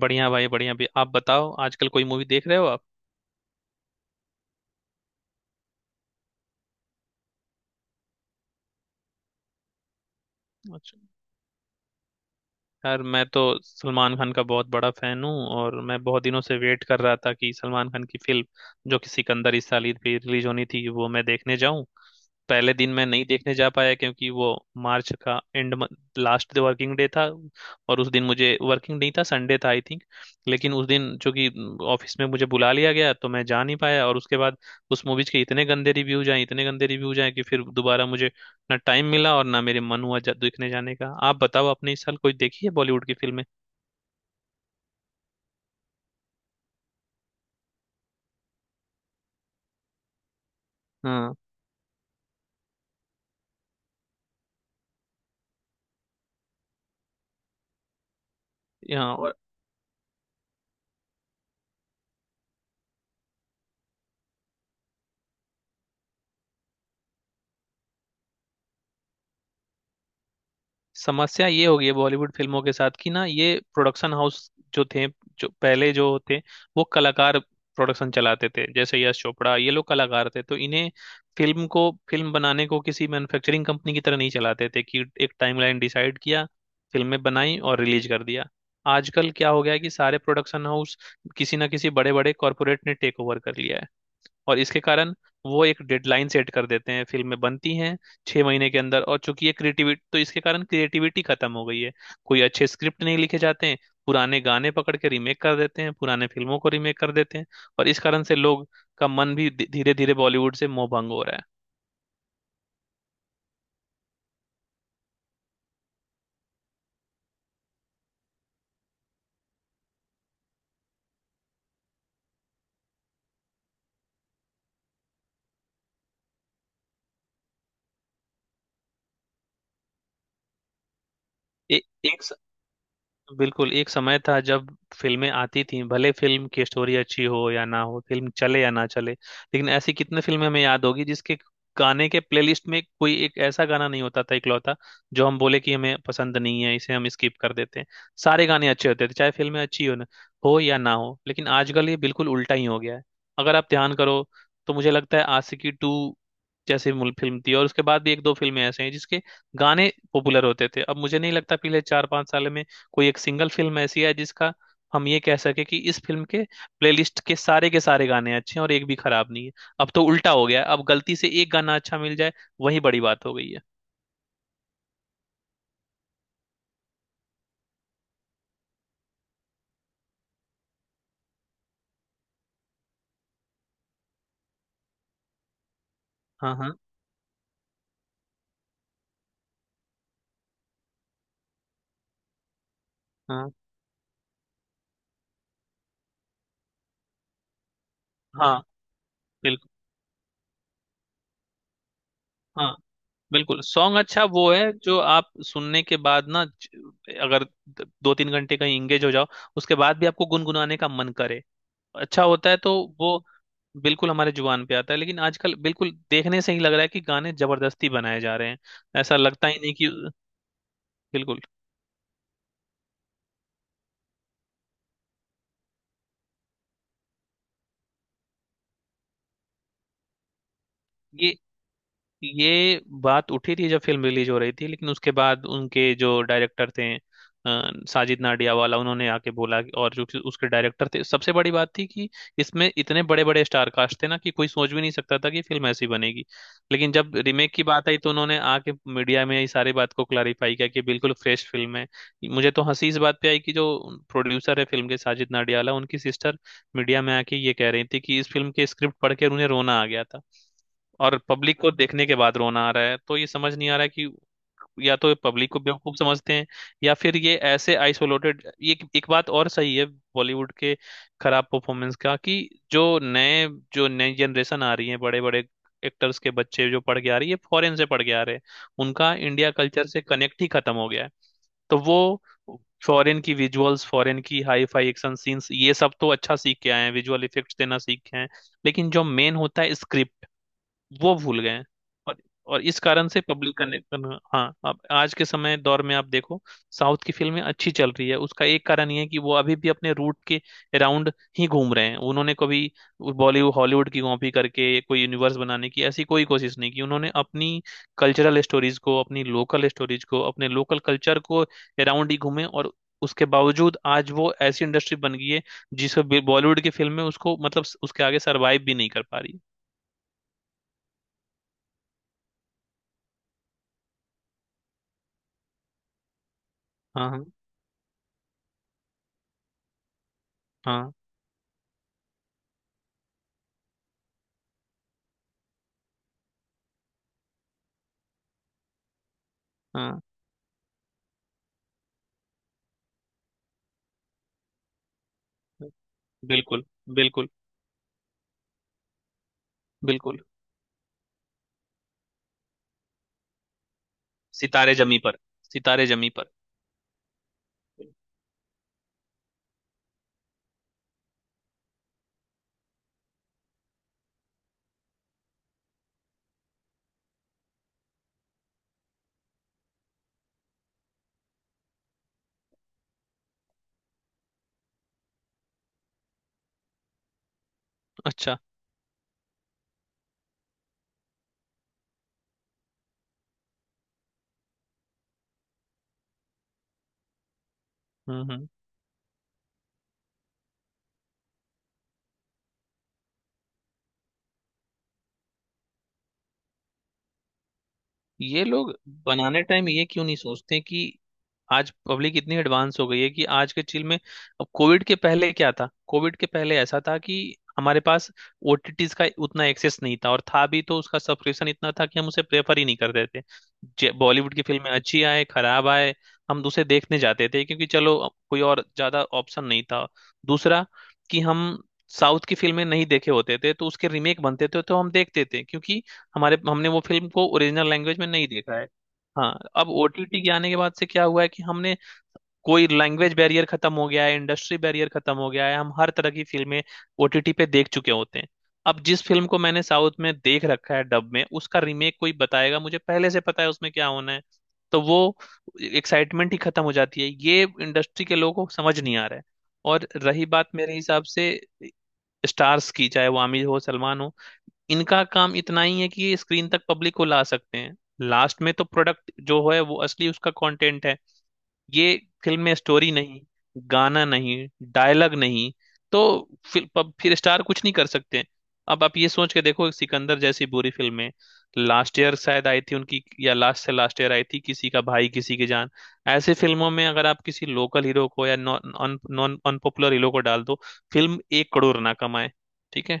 बढ़िया भाई बढ़िया। भी आप बताओ, आजकल कोई मूवी देख रहे हो आप? अच्छा। यार, मैं तो सलमान खान का बहुत बड़ा फैन हूँ, और मैं बहुत दिनों से वेट कर रहा था कि सलमान खान की फिल्म जो कि सिकंदर इस साल ईद पे रिलीज होनी थी वो मैं देखने जाऊं। पहले दिन मैं नहीं देखने जा पाया क्योंकि वो मार्च का एंड लास्ट वर्किंग डे था, और उस दिन मुझे वर्किंग नहीं था, संडे था आई थिंक। लेकिन उस दिन चूंकि ऑफिस में मुझे बुला लिया गया तो मैं जा नहीं पाया, और उसके बाद उस मूवीज के इतने गंदे रिव्यूज आए, इतने गंदे रिव्यूज आए कि फिर दोबारा मुझे ना टाइम मिला और ना मेरे मन हुआ देखने जाने का। आप बताओ, आपने इस साल कोई देखी है बॉलीवुड की फिल्में? हाँ। यहाँ समस्या ये हो गई है बॉलीवुड फिल्मों के साथ कि ना ये प्रोडक्शन हाउस जो थे, जो पहले जो होते वो कलाकार प्रोडक्शन चलाते थे, जैसे यश चोपड़ा। ये लोग कलाकार थे तो इन्हें फिल्म को, फिल्म बनाने को किसी मैन्युफैक्चरिंग कंपनी की तरह नहीं चलाते थे कि एक टाइमलाइन डिसाइड किया, फिल्में बनाई और रिलीज कर दिया। आजकल क्या हो गया है कि सारे प्रोडक्शन हाउस किसी ना किसी बड़े बड़े कॉरपोरेट ने टेक ओवर कर लिया है, और इसके कारण वो एक डेडलाइन सेट कर देते हैं, फिल्में बनती हैं छह महीने के अंदर, और चूंकि ये क्रिएटिविटी, तो इसके कारण क्रिएटिविटी खत्म हो गई है। कोई अच्छे स्क्रिप्ट नहीं लिखे जाते हैं, पुराने गाने पकड़ के रीमेक कर देते हैं, पुराने फिल्मों को रीमेक कर देते हैं, और इस कारण से लोग का मन भी धीरे धीरे बॉलीवुड से मोह भंग हो रहा है। ए, एक बिल्कुल एक समय था जब फिल्में आती थीं, भले फिल्म की स्टोरी अच्छी हो या ना हो, फिल्म चले या ना चले, लेकिन ऐसी कितने फिल्में हमें याद होगी जिसके गाने के प्लेलिस्ट में कोई एक ऐसा गाना नहीं होता था इकलौता जो हम बोले कि हमें पसंद नहीं है, इसे हम स्किप कर देते हैं। सारे गाने अच्छे होते थे, चाहे फिल्में अच्छी हो ना हो या ना हो। लेकिन आजकल ये बिल्कुल उल्टा ही हो गया है। अगर आप ध्यान करो तो मुझे लगता है आशिकी टू जैसी मूल फिल्म थी, और उसके बाद भी एक दो फिल्में ऐसे हैं जिसके गाने पॉपुलर होते थे। अब मुझे नहीं लगता पिछले चार पांच साल में कोई एक सिंगल फिल्म ऐसी है जिसका हम ये कह सके कि इस फिल्म के प्लेलिस्ट के सारे गाने अच्छे हैं और एक भी खराब नहीं है। अब तो उल्टा हो गया है, अब गलती से एक गाना अच्छा मिल जाए वही बड़ी बात हो गई है। हाँ, हाँ, हाँ, हाँ। बिल्कुल। हाँ, बिल्कुल सॉन्ग अच्छा वो है जो आप सुनने के बाद ना अगर दो तीन घंटे कहीं इंगेज हो जाओ उसके बाद भी आपको गुनगुनाने का मन करे, अच्छा होता है तो। वो बिल्कुल हमारे जुबान पे आता है, लेकिन आजकल बिल्कुल देखने से ही लग रहा है कि गाने जबरदस्ती बनाए जा रहे हैं, ऐसा लगता ही नहीं कि। बिल्कुल। ये ये बात उठी थी जब फिल्म रिलीज हो रही थी, लेकिन उसके बाद उनके जो डायरेक्टर थे, साजिद नाडियावाला, उन्होंने आके बोला कि- और जो कि उसके डायरेक्टर थे, सबसे बड़ी बात थी कि इसमें इतने बड़े बड़े स्टार कास्ट थे ना कि कोई सोच भी नहीं सकता था कि फिल्म ऐसी बनेगी। लेकिन जब रीमेक की बात आई तो उन्होंने आके मीडिया में इस सारी बात को क्लैरिफाई किया कि बिल्कुल फ्रेश फिल्म है। मुझे तो हंसी इस बात पे आई कि जो प्रोड्यूसर है फिल्म के साजिद नाडियावाला, उनकी सिस्टर मीडिया में आके ये कह रही थी कि इस फिल्म के स्क्रिप्ट पढ़ के उन्हें रोना आ गया था, और पब्लिक को देखने के बाद रोना आ रहा है, तो ये समझ नहीं आ रहा है कि या तो पब्लिक को बेवकूफ समझते हैं या फिर ये ऐसे आइसोलेटेड। ये एक एक बात और सही है बॉलीवुड के खराब परफॉर्मेंस का, कि जो नए, जो नई जनरेशन आ रही है, बड़े बड़े एक्टर्स के बच्चे जो पढ़ के आ रही है, फॉरेन से पढ़ के आ रहे हैं, उनका इंडिया कल्चर से कनेक्ट ही खत्म हो गया है। तो वो फॉरेन की विजुअल्स, फॉरेन की हाई फाई एक्शन सीन्स, ये सब तो अच्छा सीख के आए हैं, विजुअल इफेक्ट्स देना सीख के आए हैं, लेकिन जो मेन होता है स्क्रिप्ट, वो भूल गए हैं। और इस कारण से पब्लिक कनेक्शन। हाँ, अब आज के समय दौर में आप देखो, साउथ की फिल्में अच्छी चल रही है, उसका एक कारण ये है कि वो अभी भी अपने रूट के अराउंड ही घूम रहे हैं। उन्होंने कभी बॉलीवुड हॉलीवुड की कॉपी करके कोई यूनिवर्स बनाने की ऐसी कोई कोशिश नहीं की, उन्होंने अपनी कल्चरल स्टोरीज को, अपनी लोकल स्टोरीज को, अपने लोकल कल्चर को अराउंड ही घूमे, और उसके बावजूद आज वो ऐसी इंडस्ट्री बन गई है जिसे बॉलीवुड की फिल्में उसको, मतलब उसके आगे सरवाइव भी नहीं कर पा रही है। हाँ, हाँ, हाँ। हाँ, बिल्कुल। बिल्कुल। बिल्कुल। सितारे जमी पर। सितारे जमी पर। अच्छा। हम्म। ये लोग बनाने टाइम ये क्यों नहीं सोचते कि आज पब्लिक इतनी एडवांस हो गई है कि आज के चिल में। अब कोविड के पहले क्या था? कोविड के पहले ऐसा था कि हमारे पास ओटीटीज का उतना एक्सेस नहीं था, और था भी तो उसका सब्सक्रिप्शन इतना था कि हम उसे प्रेफर ही नहीं करते थे। बॉलीवुड की फिल्में अच्छी आए खराब आए, हम उसे देखने जाते थे क्योंकि चलो अब कोई और ज्यादा ऑप्शन नहीं था। दूसरा कि हम साउथ की फिल्में नहीं देखे होते थे तो उसके रीमेक बनते थे तो हम देखते थे, क्योंकि हमारे हमने वो फिल्म को ओरिजिनल लैंग्वेज में नहीं देखा है। हाँ, अब ओटीटी के आने के बाद से क्या हुआ है कि हमने, कोई लैंग्वेज बैरियर खत्म हो गया है, इंडस्ट्री बैरियर खत्म हो गया है, हम हर तरह की फिल्में ओटीटी पे देख चुके होते हैं। अब जिस फिल्म को मैंने साउथ में देख रखा है डब में, उसका रीमेक कोई बताएगा, मुझे पहले से पता है उसमें क्या होना है, तो वो एक्साइटमेंट ही खत्म हो जाती है। ये इंडस्ट्री के लोगों को समझ नहीं आ रहा है। और रही बात मेरे हिसाब से स्टार्स की, चाहे वो आमिर हो सलमान हो, इनका काम इतना ही है कि ये स्क्रीन तक पब्लिक को ला सकते हैं। लास्ट में तो प्रोडक्ट जो है, वो असली उसका कंटेंट है। ये फिल्म में स्टोरी नहीं, गाना नहीं, डायलॉग नहीं, तो फिर फिर स्टार कुछ नहीं कर सकते। अब आप ये सोच के देखो, एक सिकंदर जैसी बुरी फिल्म है, लास्ट ईयर शायद आई थी उनकी, या लास्ट से लास्ट ईयर आई थी किसी का भाई किसी की जान। ऐसे फिल्मों में अगर आप किसी लोकल हीरो को या नॉन नॉन अनपॉपुलर हीरो को डाल दो, फिल्म एक करोड़ ना कमाए। ठीक है,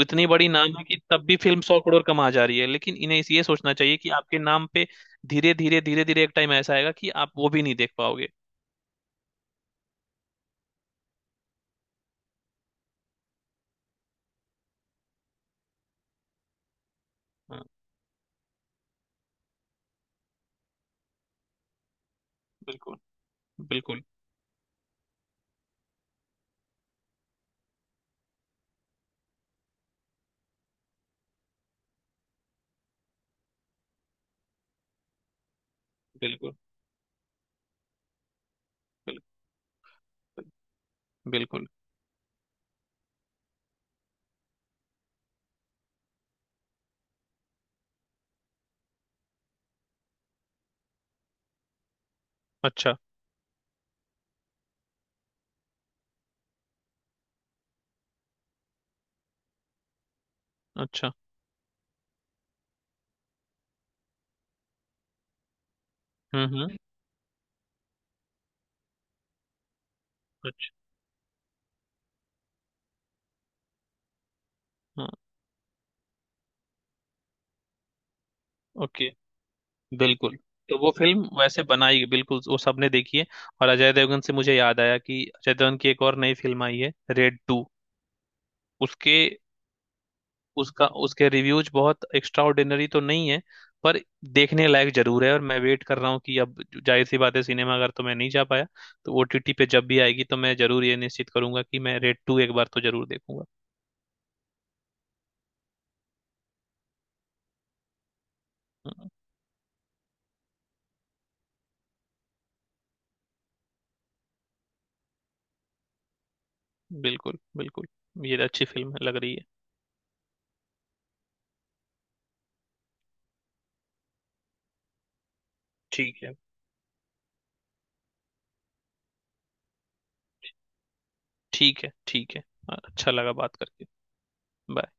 इतनी बड़ी नाम है कि तब भी फिल्म सौ करोड़ कमा जा रही है, लेकिन इन्हें ये सोचना चाहिए कि आपके नाम पे धीरे धीरे धीरे धीरे एक टाइम ऐसा आएगा कि आप वो भी नहीं देख पाओगे। हाँ, बिल्कुल। बिल्कुल। बिल्कुल। बिल्कुल। बिल्कुल। अच्छा। अच्छा। हम्म। अच्छा। हाँ। ओके। बिल्कुल। तो वो फिल्म वैसे बनाई, बिल्कुल वो सबने देखी है। और अजय देवगन से मुझे याद आया कि अजय देवगन की एक और नई फिल्म आई है रेड टू। उसके उसका उसके रिव्यूज बहुत एक्स्ट्रा ऑर्डिनरी तो नहीं है, पर देखने लायक जरूर है, और मैं वेट कर रहा हूँ कि अब जाहिर सी बात है सिनेमा अगर तो मैं नहीं जा पाया, तो ओटीटी पे जब भी आएगी तो मैं जरूर ये निश्चित करूंगा कि मैं रेड टू एक बार तो जरूर देखूंगा। हम्म। बिल्कुल बिल्कुल, ये अच्छी फिल्म लग रही है। ठीक है, ठीक है। ठीक है, अच्छा लगा बात करके। Bye.